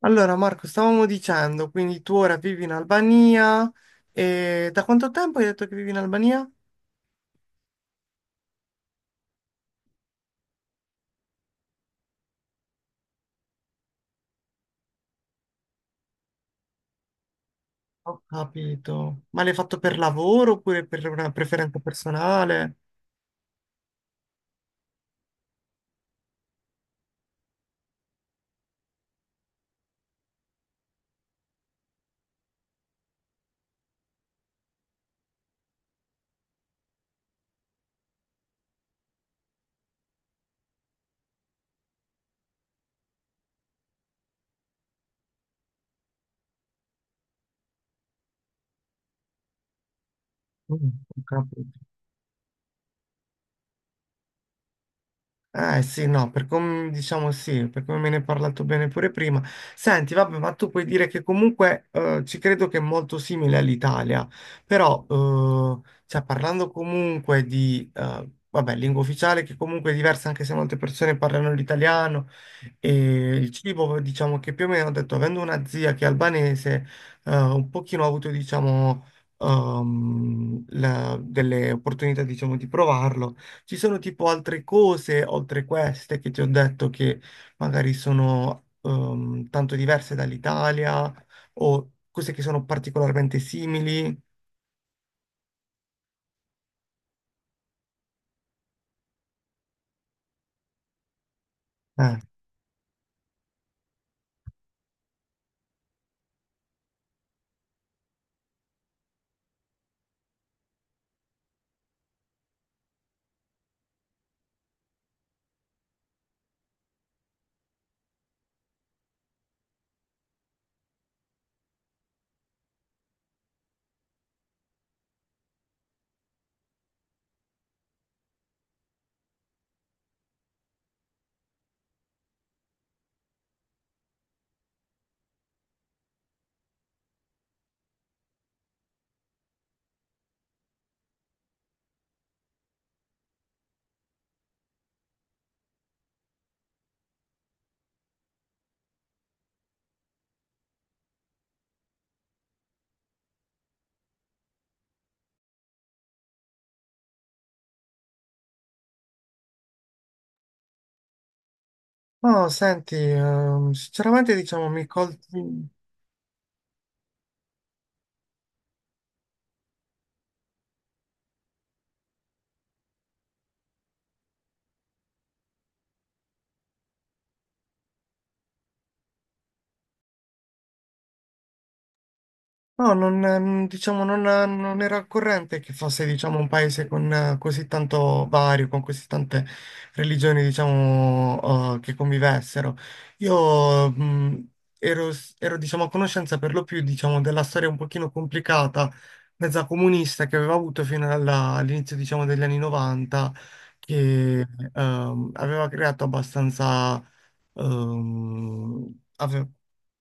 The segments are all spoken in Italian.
Allora, Marco, stavamo dicendo, quindi tu ora vivi in Albania e da quanto tempo hai detto che vivi in Albania? Ho capito. Ma l'hai fatto per lavoro oppure per una preferenza personale? Mm, ho capito. Eh sì, no, per come diciamo sì, per come me ne hai parlato bene pure prima. Senti, vabbè, ma tu puoi dire che comunque ci credo che è molto simile all'Italia, però cioè, parlando comunque di, vabbè, lingua ufficiale che comunque è diversa anche se molte persone parlano l'italiano e il cibo, diciamo che più o meno ho detto, avendo una zia che è albanese, un pochino ho avuto, diciamo, delle opportunità, diciamo, di provarlo. Ci sono tipo altre cose, oltre queste, che ti ho detto che magari sono tanto diverse dall'Italia o cose che sono particolarmente simili. Eh. No, senti, sinceramente diciamo mi colti... No, non diciamo, non, non era al corrente che fosse, diciamo, un paese con così tanto vario, con così tante religioni, diciamo, che convivessero. Io, ero, ero, diciamo, a conoscenza per lo più, diciamo, della storia un pochino complicata, mezza comunista, che aveva avuto fino all'inizio, diciamo, degli anni 90, che, aveva creato abbastanza, ehm, ave-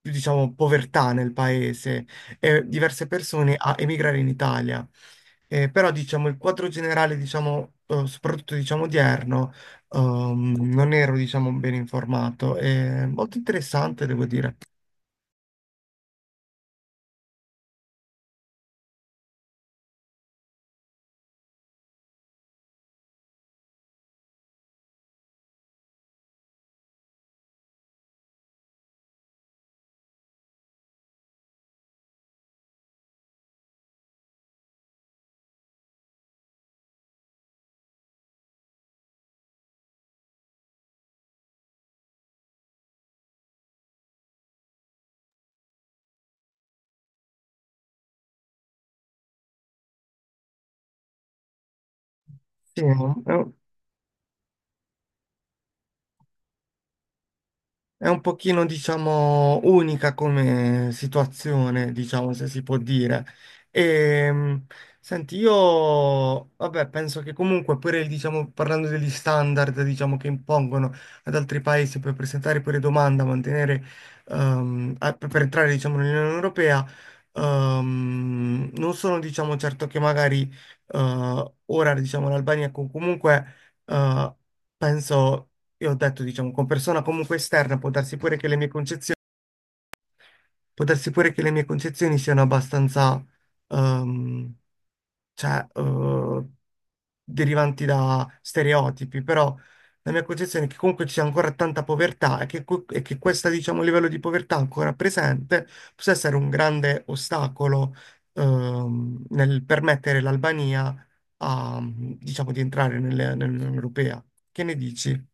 diciamo, povertà nel paese diverse persone a emigrare in Italia. Però diciamo il quadro generale, diciamo, soprattutto diciamo odierno, non ero diciamo ben informato. È molto interessante, devo dire. Sì, è un pochino, diciamo, unica come situazione, diciamo, se si può dire. E, senti, io, vabbè, penso che comunque pure, diciamo, parlando degli standard, diciamo, che impongono ad altri paesi per presentare pure domanda, mantenere, per entrare, diciamo, nell'Unione Europea, non sono, diciamo, certo che magari, ora, diciamo, l'Albania comunque, eh, penso io ho detto, diciamo, con persona comunque esterna, può darsi pure che le mie concezioni, può darsi pure che le mie concezioni siano abbastanza, ehm, cioè, derivanti da stereotipi, però la mia concezione è che comunque c'è ancora tanta povertà e che, e che questo, diciamo, livello di povertà ancora presente possa essere un grande ostacolo, nel permettere l'Albania a, diciamo, di entrare nell'Unione Europea. Che ne dici?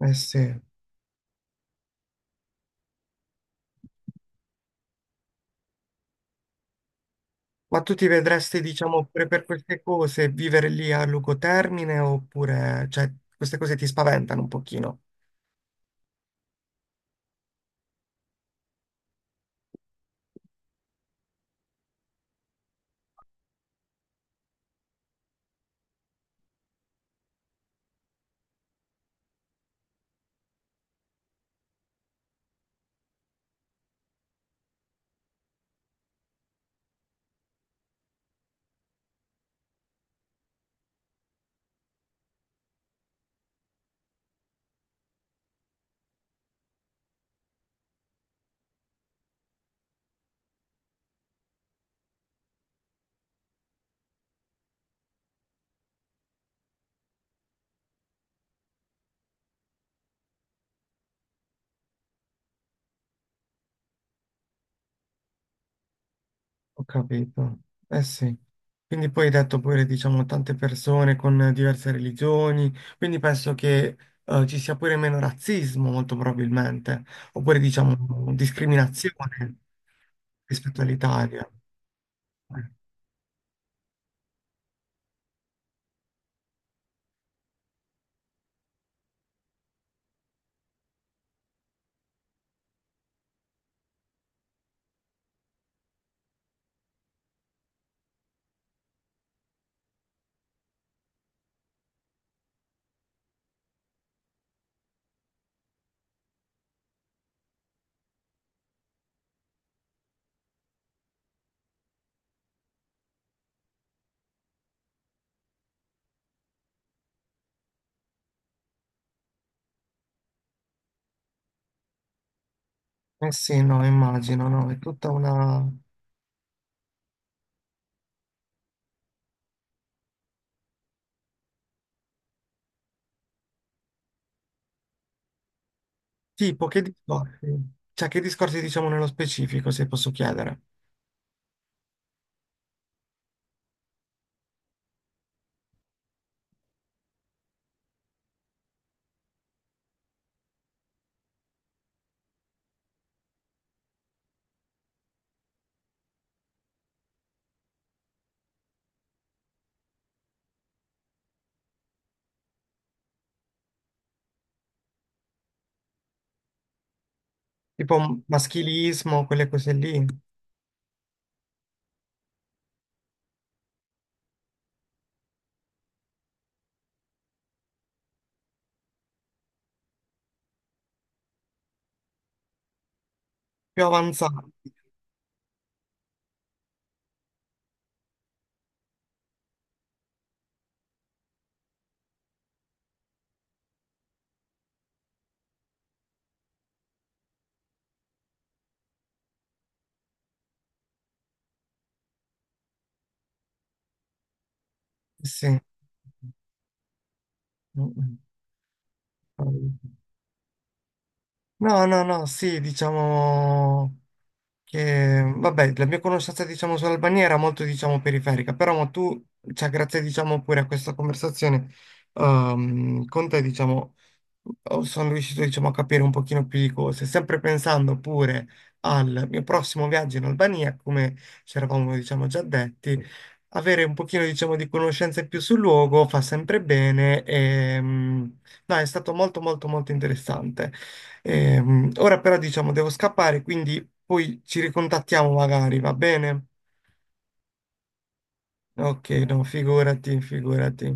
Eh sì. Ma tu ti vedresti, diciamo, pure per queste cose, vivere lì a lungo termine oppure, cioè, queste cose ti spaventano un pochino? Ho capito. Eh sì. Quindi poi hai detto pure, diciamo, tante persone con diverse religioni, quindi penso che ci sia pure meno razzismo, molto probabilmente, oppure, diciamo, discriminazione rispetto all'Italia. Eh sì, no, immagino, no, è tutta una... Tipo, che discorsi? Cioè, che discorsi diciamo nello specifico, se posso chiedere? Tipo maschilismo, quelle cose lì, più avanzate. Sì. Mm, mm. No, no, no, sì, diciamo... Che, vabbè, la mia conoscenza, diciamo, sull'Albania era molto, diciamo, periferica, però ma tu, cioè, grazie, diciamo, pure a questa conversazione, con te, diciamo, oh, sono riuscito, diciamo, a capire un pochino più di cose, sempre pensando pure al mio prossimo viaggio in Albania, come ci eravamo, diciamo, già detti, avere un pochino, diciamo, di conoscenze più sul luogo fa sempre bene e, mm, no, è stato molto, molto, molto interessante. Ora però, diciamo, devo scappare, quindi... Poi ci ricontattiamo magari, va bene? Ok, no, figurati, figurati.